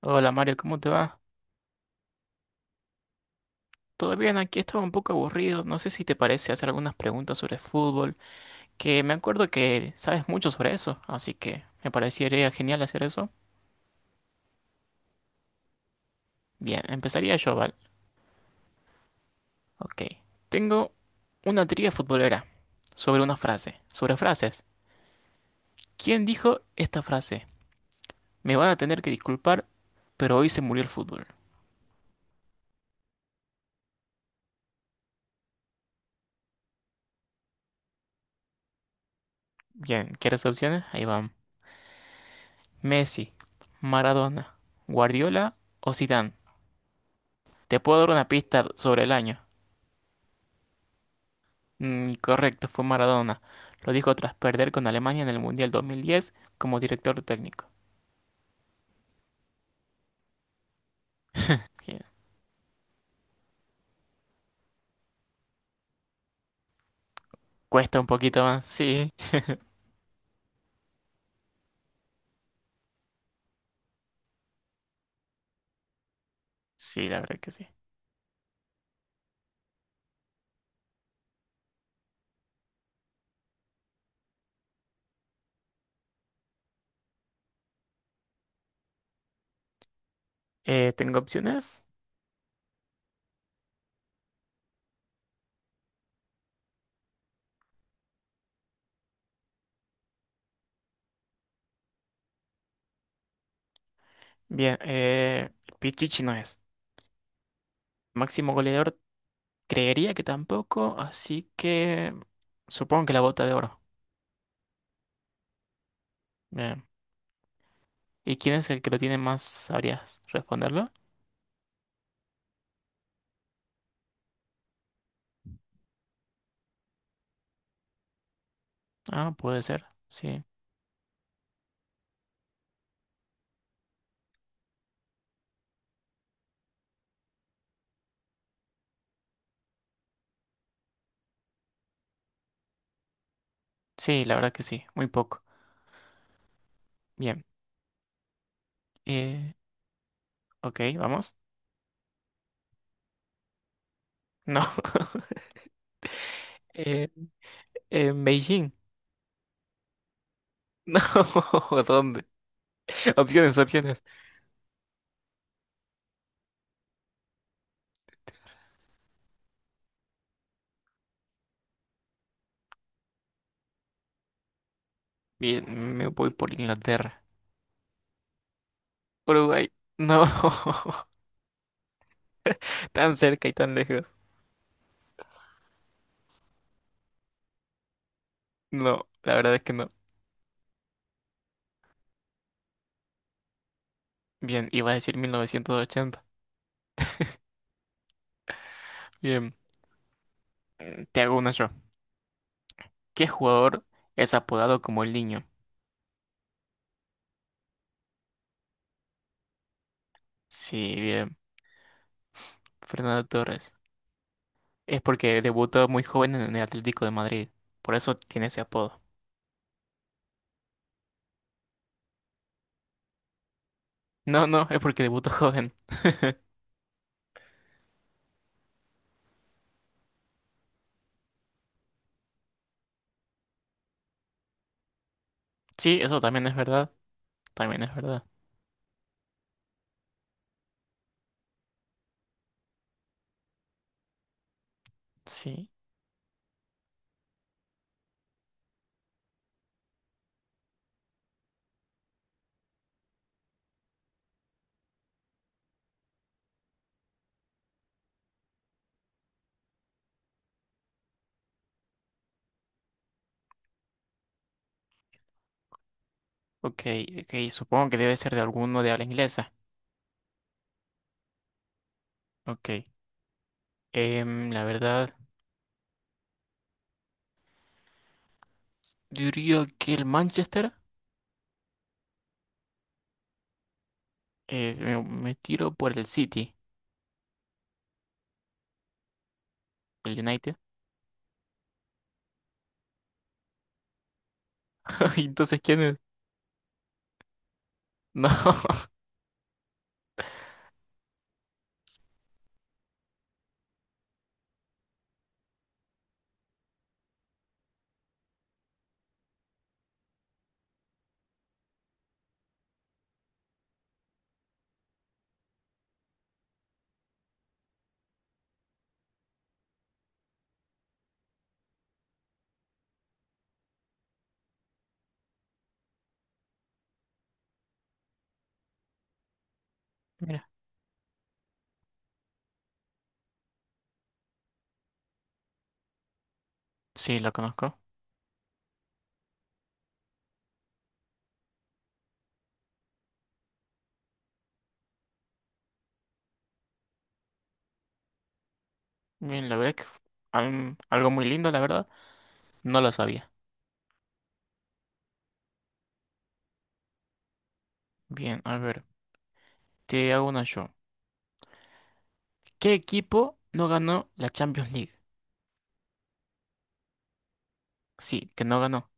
Hola Mario, ¿cómo te va? Todo bien, aquí estaba un poco aburrido. No sé si te parece hacer algunas preguntas sobre fútbol, que me acuerdo que sabes mucho sobre eso, así que me parecería genial hacer eso. Bien, empezaría yo, ¿vale? Ok. Tengo una trivia futbolera sobre una frase, sobre frases. ¿Quién dijo esta frase? Me van a tener que disculpar, pero hoy se murió el fútbol. Bien, ¿quieres opciones? Ahí van. Messi, Maradona, Guardiola o Zidane. Te puedo dar una pista sobre el año. Correcto, fue Maradona. Lo dijo tras perder con Alemania en el Mundial 2010 como director técnico. Bien. Cuesta un poquito más, sí. Sí, la verdad que sí. ¿Tengo opciones? Bien, Pichichi no es. Máximo goleador, creería que tampoco, así que supongo que la bota de oro. Bien. ¿Y quién es el que lo tiene más? ¿Sabrías responderlo? Ah, puede ser, sí. Sí, la verdad que sí, muy poco. Bien. Eh, ok, vamos. No. En Beijing. No, ¿dónde? Opciones, opciones. Bien, me voy por Inglaterra. Uruguay. No, tan cerca y tan lejos. No, la verdad es que no. Bien, iba a decir 1980. Bien, te hago una yo. ¿Qué jugador es apodado como el niño? Sí, bien, Fernando Torres. Es porque debutó muy joven en el Atlético de Madrid. Por eso tiene ese apodo. No, no, es porque debutó joven. Sí, eso también es verdad. También es verdad. Sí. Ok, ok, supongo que debe ser de alguno de habla inglesa. Ok, la verdad, diría que el Manchester, me tiro por el City, el United. Entonces, ¿quién es? No, mira, sí, lo conozco. Bien, la verdad es que algo muy lindo, la verdad, no lo sabía. Bien, a ver, te hago una yo. ¿Qué equipo no ganó la Champions League? Sí, que no ganó.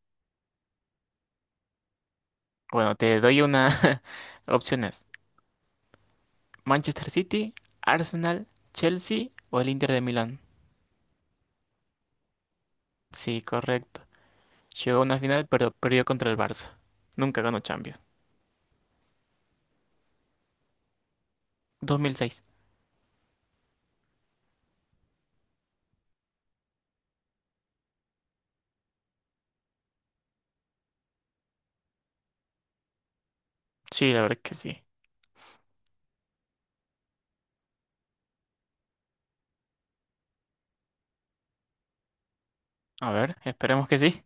Bueno, te doy una opciones. Manchester City, Arsenal, Chelsea o el Inter de Milán. Sí, correcto. Llegó a una final, pero perdió contra el Barça. Nunca ganó Champions. 2006. Sí, la verdad es que sí. A ver, esperemos que sí.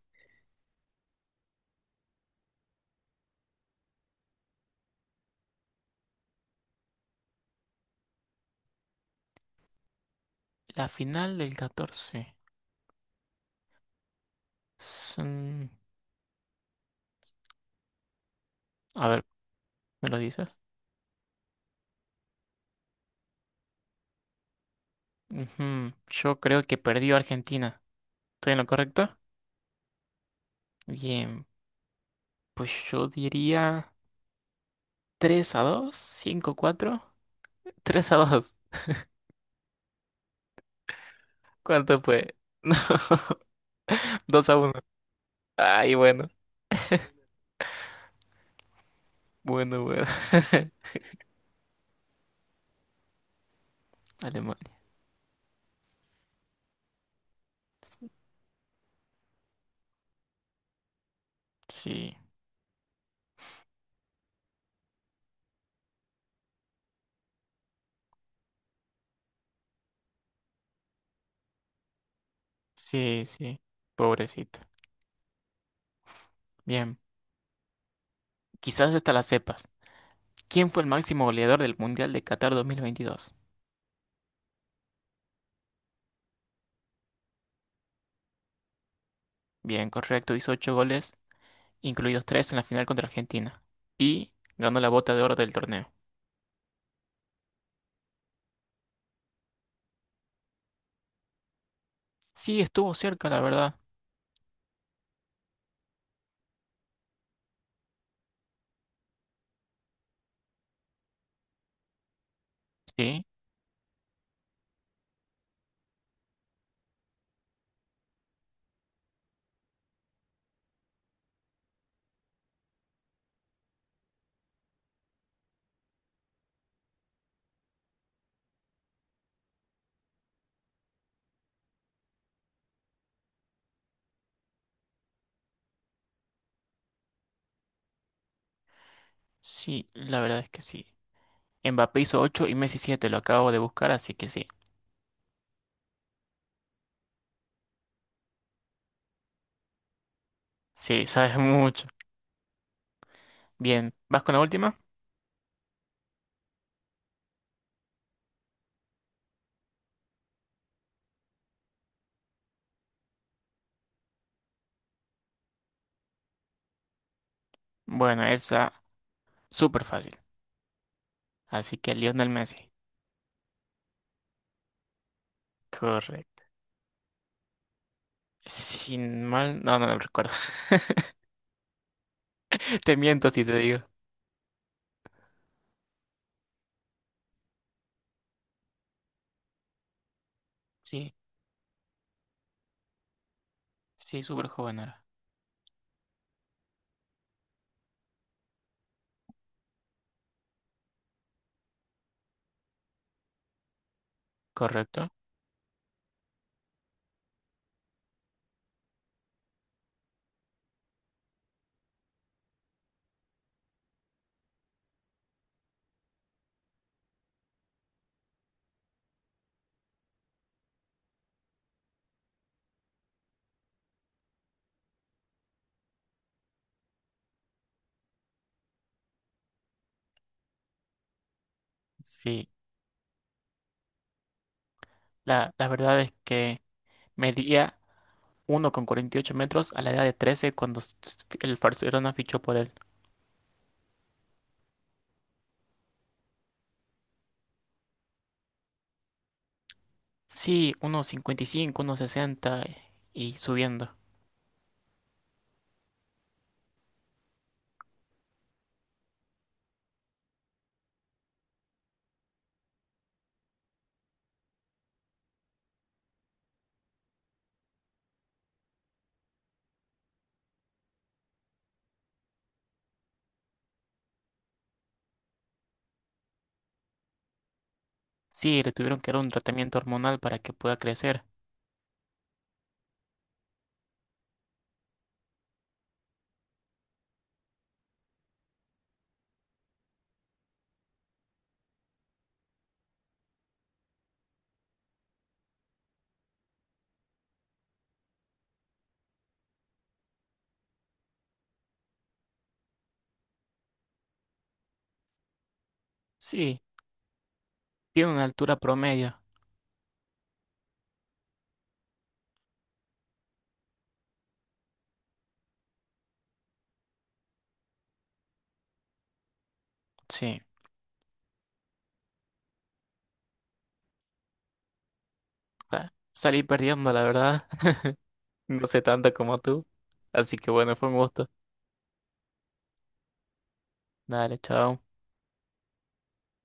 La final del catorce. Son- A ver, ¿me lo dices? Ujú, yo creo que perdió Argentina. ¿Estoy en lo correcto? Bien, pues yo diría 3 a dos, cinco a 4. 3 a 2. ¿Cuánto fue? No, 2 a uno. Ay, bueno, bueno, bueno. Alemania. Sí, sí, sí. Pobrecito. Bien, quizás hasta la sepas. ¿Quién fue el máximo goleador del Mundial de Qatar 2022? Bien, correcto, hizo 8 goles, incluidos 3 en la final contra Argentina. Y ganó la bota de oro del torneo. Sí, estuvo cerca, la verdad. Sí, sí, la verdad es que sí. Mbappé hizo ocho y Messi siete, lo acabo de buscar, así que sí. Sí, sabes mucho. Bien, ¿vas con la última? Bueno, esa súper fácil. Así que Lionel Messi. Correcto. Sin mal, no, no lo recuerdo. Te miento si te digo. Sí. Sí, súper joven era. Correcto. Sí, la verdad es que medía 1,48 metros a la edad de 13 cuando el Barcelona fichó por él. Sí, uno 1,60 y cinco, 1,60 y subiendo. Sí, le tuvieron que dar un tratamiento hormonal para que pueda crecer. Sí, tiene una altura promedio. Sí, salí perdiendo, la verdad. No sé tanto como tú. Así que bueno, fue un gusto. Dale, chao.